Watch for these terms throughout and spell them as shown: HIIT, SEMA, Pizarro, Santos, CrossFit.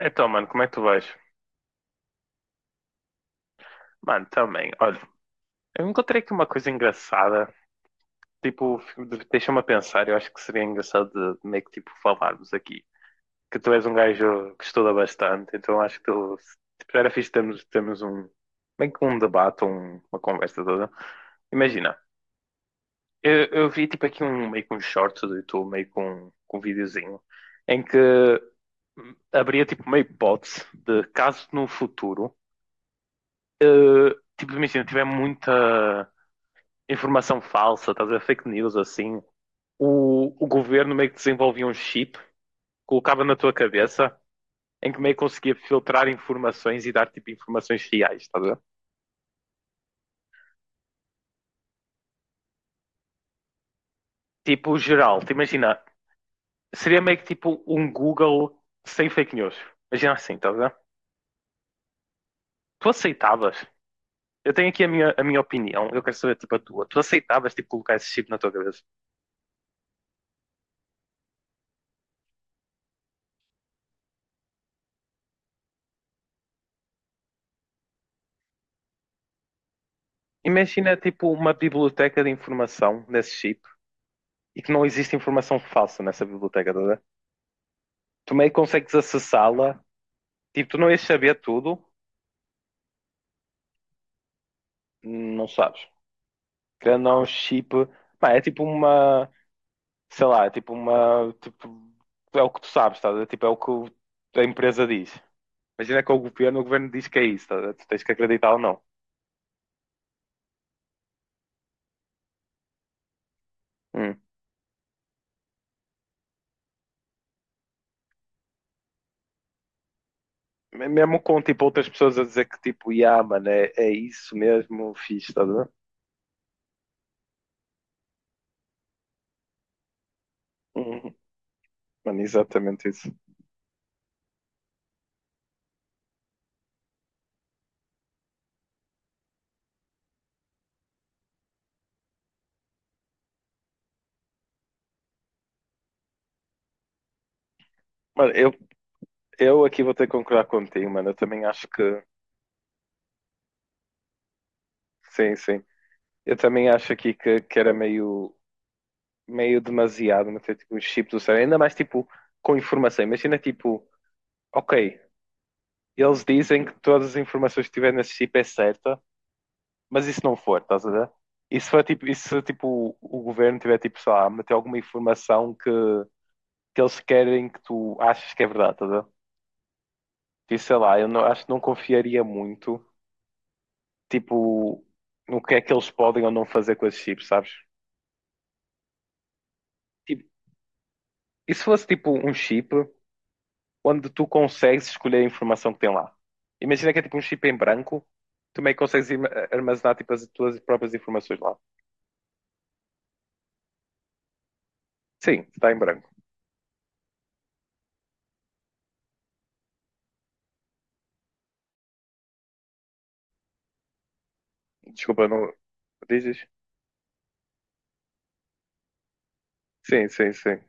Então, mano, como é que tu vais? Mano, também. Olha, eu encontrei aqui uma coisa engraçada. Tipo, deixa-me a pensar. Eu acho que seria engraçado de meio que tipo falarmos aqui. Que tu és um gajo que estuda bastante, então acho que tu tipo, era fixe termos, um meio que um debate, uma conversa toda. Imagina, eu vi tipo aqui um meio que um short do YouTube, meio com um videozinho, em que abria tipo uma hipótese de caso no futuro. eh, tipo, imagina, tiver muita informação falsa, estás a ver, fake news, assim, o governo meio que desenvolvia um chip, colocava na tua cabeça, em que meio que conseguia filtrar informações e dar, tipo, informações reais, estás a ver? Tipo, geral, te imagina, seria meio que tipo um Google sem fake news. Imagina assim, estás a ver? Tu aceitavas? Eu tenho aqui a minha opinião, eu quero saber, tipo, a tua. Tu aceitavas, tipo, colocar esse chip na tua cabeça? Imagina, tipo, uma biblioteca de informação nesse chip e que não existe informação falsa nessa biblioteca, estás a ver? Tu meio que consegues acessá-la, tipo, tu não ias saber tudo, não sabes. Querendo ou não, chip, pá, é tipo uma, sei lá, é tipo uma, tipo, é o que tu sabes, estás a ver? Tipo, é o que a empresa diz. Imagina que é o governo diz que é isso, estás a ver? Tu tens que acreditar ou não. Hum. Mesmo com, tipo, outras pessoas a dizer que, tipo, yeah, mano, é isso mesmo, fixe, estás a ver? Hum, Mano, exatamente isso. Mano, eu aqui vou ter que concordar contigo, mano. Eu também acho que. Sim, sim. Eu também acho aqui que, que era meio demasiado meter tipo, um chip do cérebro, ainda mais tipo com informação. Imagina tipo, ok, eles dizem que todas as informações que tiver nesse chip é certa, mas isso não for, estás a ver? E se, tipo o governo tiver tipo, sei lá, meter alguma informação que eles querem que tu achas que é verdade, estás a ver? E sei lá, eu não, acho que não confiaria muito, tipo, no que é que eles podem ou não fazer com esse chip, sabes? Tipo, e se fosse tipo um chip onde tu consegues escolher a informação que tem lá. Imagina que é tipo um chip em branco, tu meio que consegues armazenar tipo as tuas próprias informações lá. Sim, está em branco. Desculpa, não dizes? Sim, sim, sim.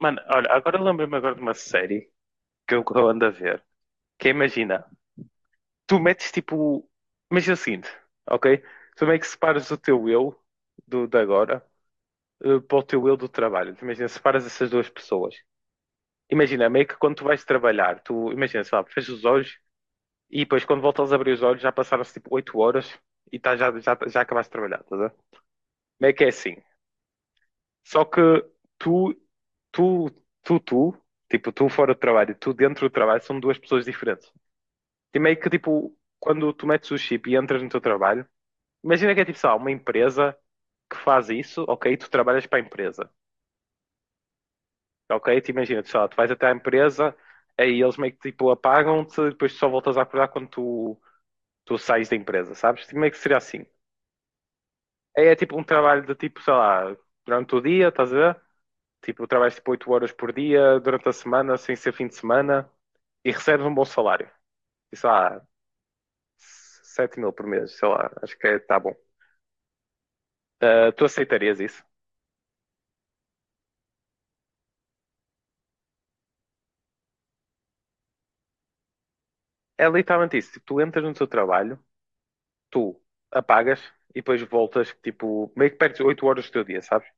Mano, olha, agora lembrei-me agora de uma série que eu ando a ver, que é, imagina, tu metes tipo, imagina o seguinte, ok? Tu meio que separas o teu eu do de agora para o teu eu do trabalho. Imagina, separas essas duas pessoas. Imagina, meio que quando tu vais trabalhar, tu imagina, sei lá, fechas os olhos. E depois, quando voltas a abrir os olhos, já passaram-se tipo 8 horas e tá, já acabaste de trabalhar, estás a ver? Meio que é assim. Só que tu, tu, tu, tipo, tu fora do trabalho e tu dentro do trabalho são duas pessoas diferentes. E meio que, tipo, quando tu metes o chip e entras no teu trabalho, imagina que é tipo, sei lá, uma empresa que faz isso, ok? Tu trabalhas para a empresa, ok? Tu imagina, tu, sei lá, tu vais até à empresa, aí eles meio que, tipo, apagam-te e depois tu só voltas a acordar quando tu sais da empresa, sabes? Tipo, meio que seria assim. É tipo um trabalho de tipo, sei lá, durante o dia, estás a ver? Tipo, trabalhas tipo 8 horas por dia, durante a semana, sem ser fim de semana, e recebes um bom salário. E sei lá, 7.000 por mês, sei lá, acho que está bom. Ah, tu aceitarias isso? É literalmente isso. Tipo, tu entras no teu trabalho, tu apagas e depois voltas, tipo, meio que perdes 8 horas do teu dia, sabes?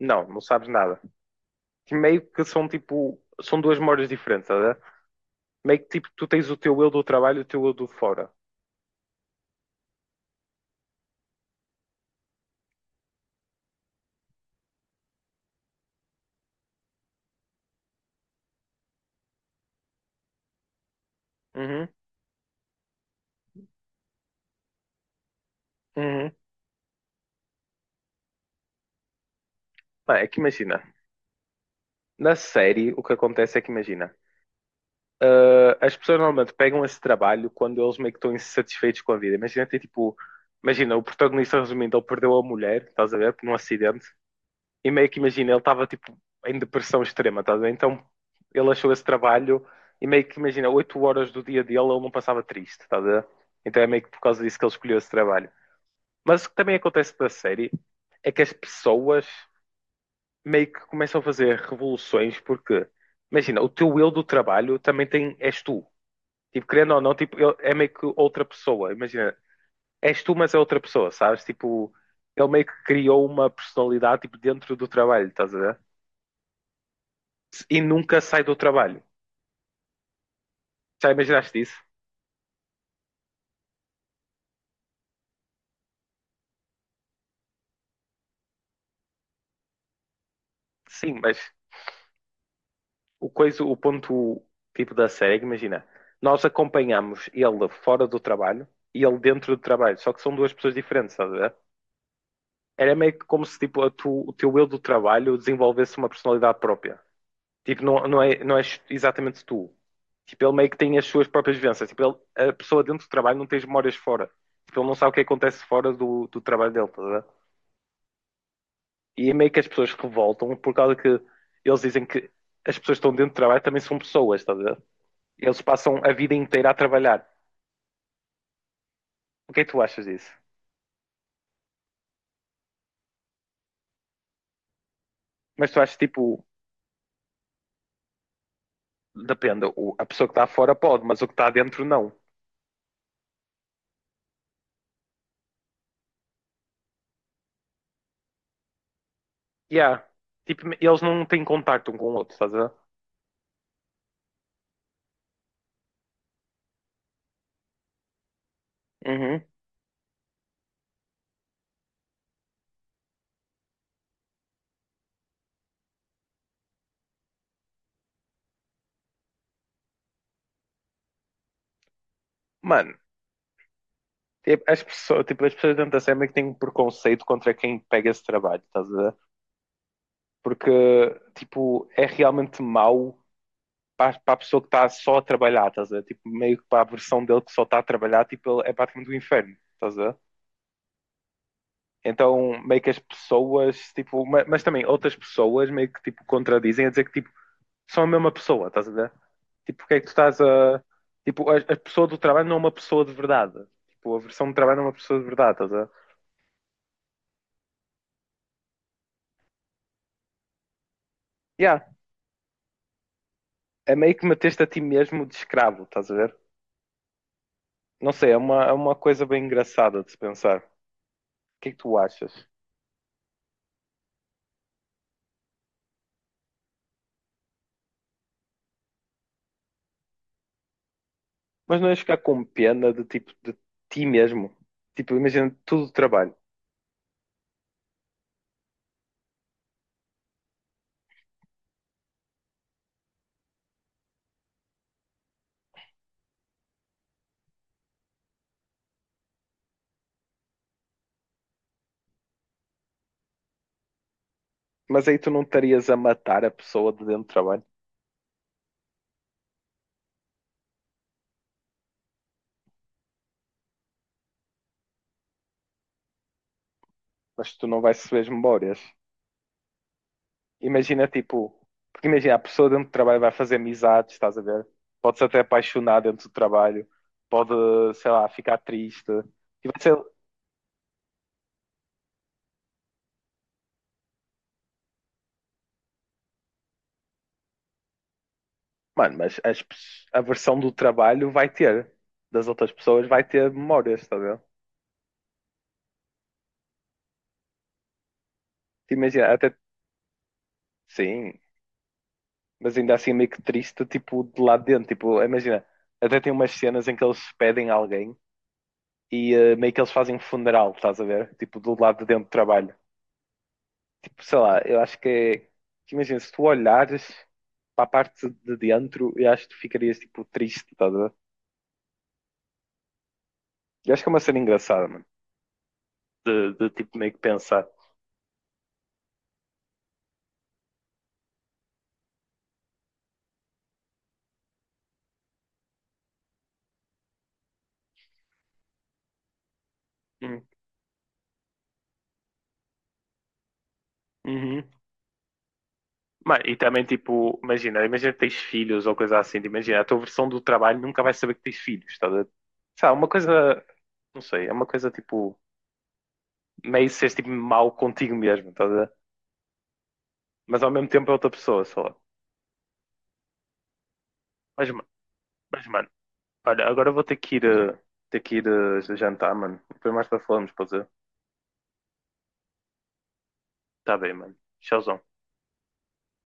Não, não sabes nada. Que meio que são tipo, são duas memórias diferentes, tá a ver? Meio que tipo, tu tens o teu eu do trabalho e o teu eu do fora. Uhum, uhum. Pá, é que imagina, na série o que acontece é que imagina, ah, as pessoas normalmente pegam esse trabalho quando eles meio que estão insatisfeitos com a vida. Imagina tem tipo, imagina, o protagonista resumindo, ele perdeu a mulher, estás a ver, num acidente, e meio que imagina, ele estava tipo em depressão extrema, estás a ver? Então ele achou esse trabalho e meio que imagina, 8 horas do dia dele ele não passava triste, estás a ver? Então é meio que por causa disso que ele escolheu esse trabalho. Mas o que também acontece na série é que as pessoas meio que começam a fazer revoluções porque, imagina, o teu eu do trabalho também tem, és tu. Tipo, querendo ou não, tipo, ele é meio que outra pessoa. Imagina, és tu, mas é outra pessoa, sabes? Tipo, ele meio que criou uma personalidade tipo, dentro do trabalho, estás a ver? E nunca sai do trabalho. Já imaginaste isso? Sim, mas o ponto tipo da série, é que imagina, nós acompanhamos ele fora do trabalho e ele dentro do trabalho, só que são duas pessoas diferentes, estás a ver? Era meio que como se tipo, o teu eu do trabalho desenvolvesse uma personalidade própria. Tipo, não, não é exatamente tu. Tipo, ele meio que tem as suas próprias vivências. Tipo, a pessoa dentro do trabalho não tem as memórias fora. Tipo, ele não sabe o que acontece fora do trabalho dele, estás a ver? E é meio que as pessoas revoltam por causa que eles dizem que as pessoas que estão dentro do trabalho também são pessoas, estás a ver? Eles passam a vida inteira a trabalhar. O que é que tu achas disso? Mas tu achas tipo, depende, a pessoa que está fora pode, mas o que está dentro não. Yeah. Tipo, eles não têm contacto um com o outro, estás a ver? Uhum. Mano, tipo, as pessoas dentro da SEMA que têm um preconceito contra quem pega esse trabalho, estás a ver? Porque, tipo, é realmente mau para a pessoa que está só a trabalhar, estás a ver? Tipo, meio que para a versão dele que só está a trabalhar, tipo, ele é praticamente o inferno, estás a ver? Então, meio que as pessoas, tipo, mas também outras pessoas meio que tipo contradizem a dizer que tipo, são a mesma pessoa, estás a ver? Tipo, porque é que tu estás a. Tipo, a pessoa do trabalho não é uma pessoa de verdade. Tipo, a versão do trabalho não é uma pessoa de verdade, estás a ver? Yeah, é meio que meteste a ti mesmo de escravo, estás a ver? Não sei, é uma coisa bem engraçada de se pensar. O que é que tu achas? Mas não ias ficar com pena de tipo de ti mesmo. Tipo, imagina tudo o trabalho. Mas aí tu não estarias a matar a pessoa de dentro do trabalho. Mas tu não vais receber as memórias. Imagina, tipo, porque imagina, a pessoa dentro do trabalho vai fazer amizades, estás a ver? Pode-se até apaixonar dentro do trabalho, pode, sei lá, ficar triste. E vai ser, mano, mas as a versão do trabalho vai ter, das outras pessoas vai ter memórias, estás a ver? Tipo, imagina, até, sim, mas ainda assim meio que triste, tipo, de lá dentro, tipo, imagina, até tem umas cenas em que eles pedem alguém e meio que eles fazem um funeral, estás a ver? Tipo, do lado de dentro do trabalho. Sei lá, eu acho que é. Imagina, se tu olhares para a parte de dentro, eu acho que tu ficarias tipo triste, estás a ver? Eu acho que é uma cena engraçada, mano. De tipo meio que pensar. Hum, uhum. Mas, e também tipo, imagina, que tens filhos ou coisa assim, tipo, imagina, a tua versão do trabalho nunca vais saber que tens filhos, estás a ver? Sei uma coisa, não sei, é uma coisa tipo, meio seres tipo mau contigo mesmo, estás a ver? Mas ao mesmo tempo é outra pessoa, sei lá. Mas, mas, mano, olha, agora eu vou ter que ir, jantar, mano. Depois mais para falarmos, pode ser? Tá bem, mano. Tchauzão.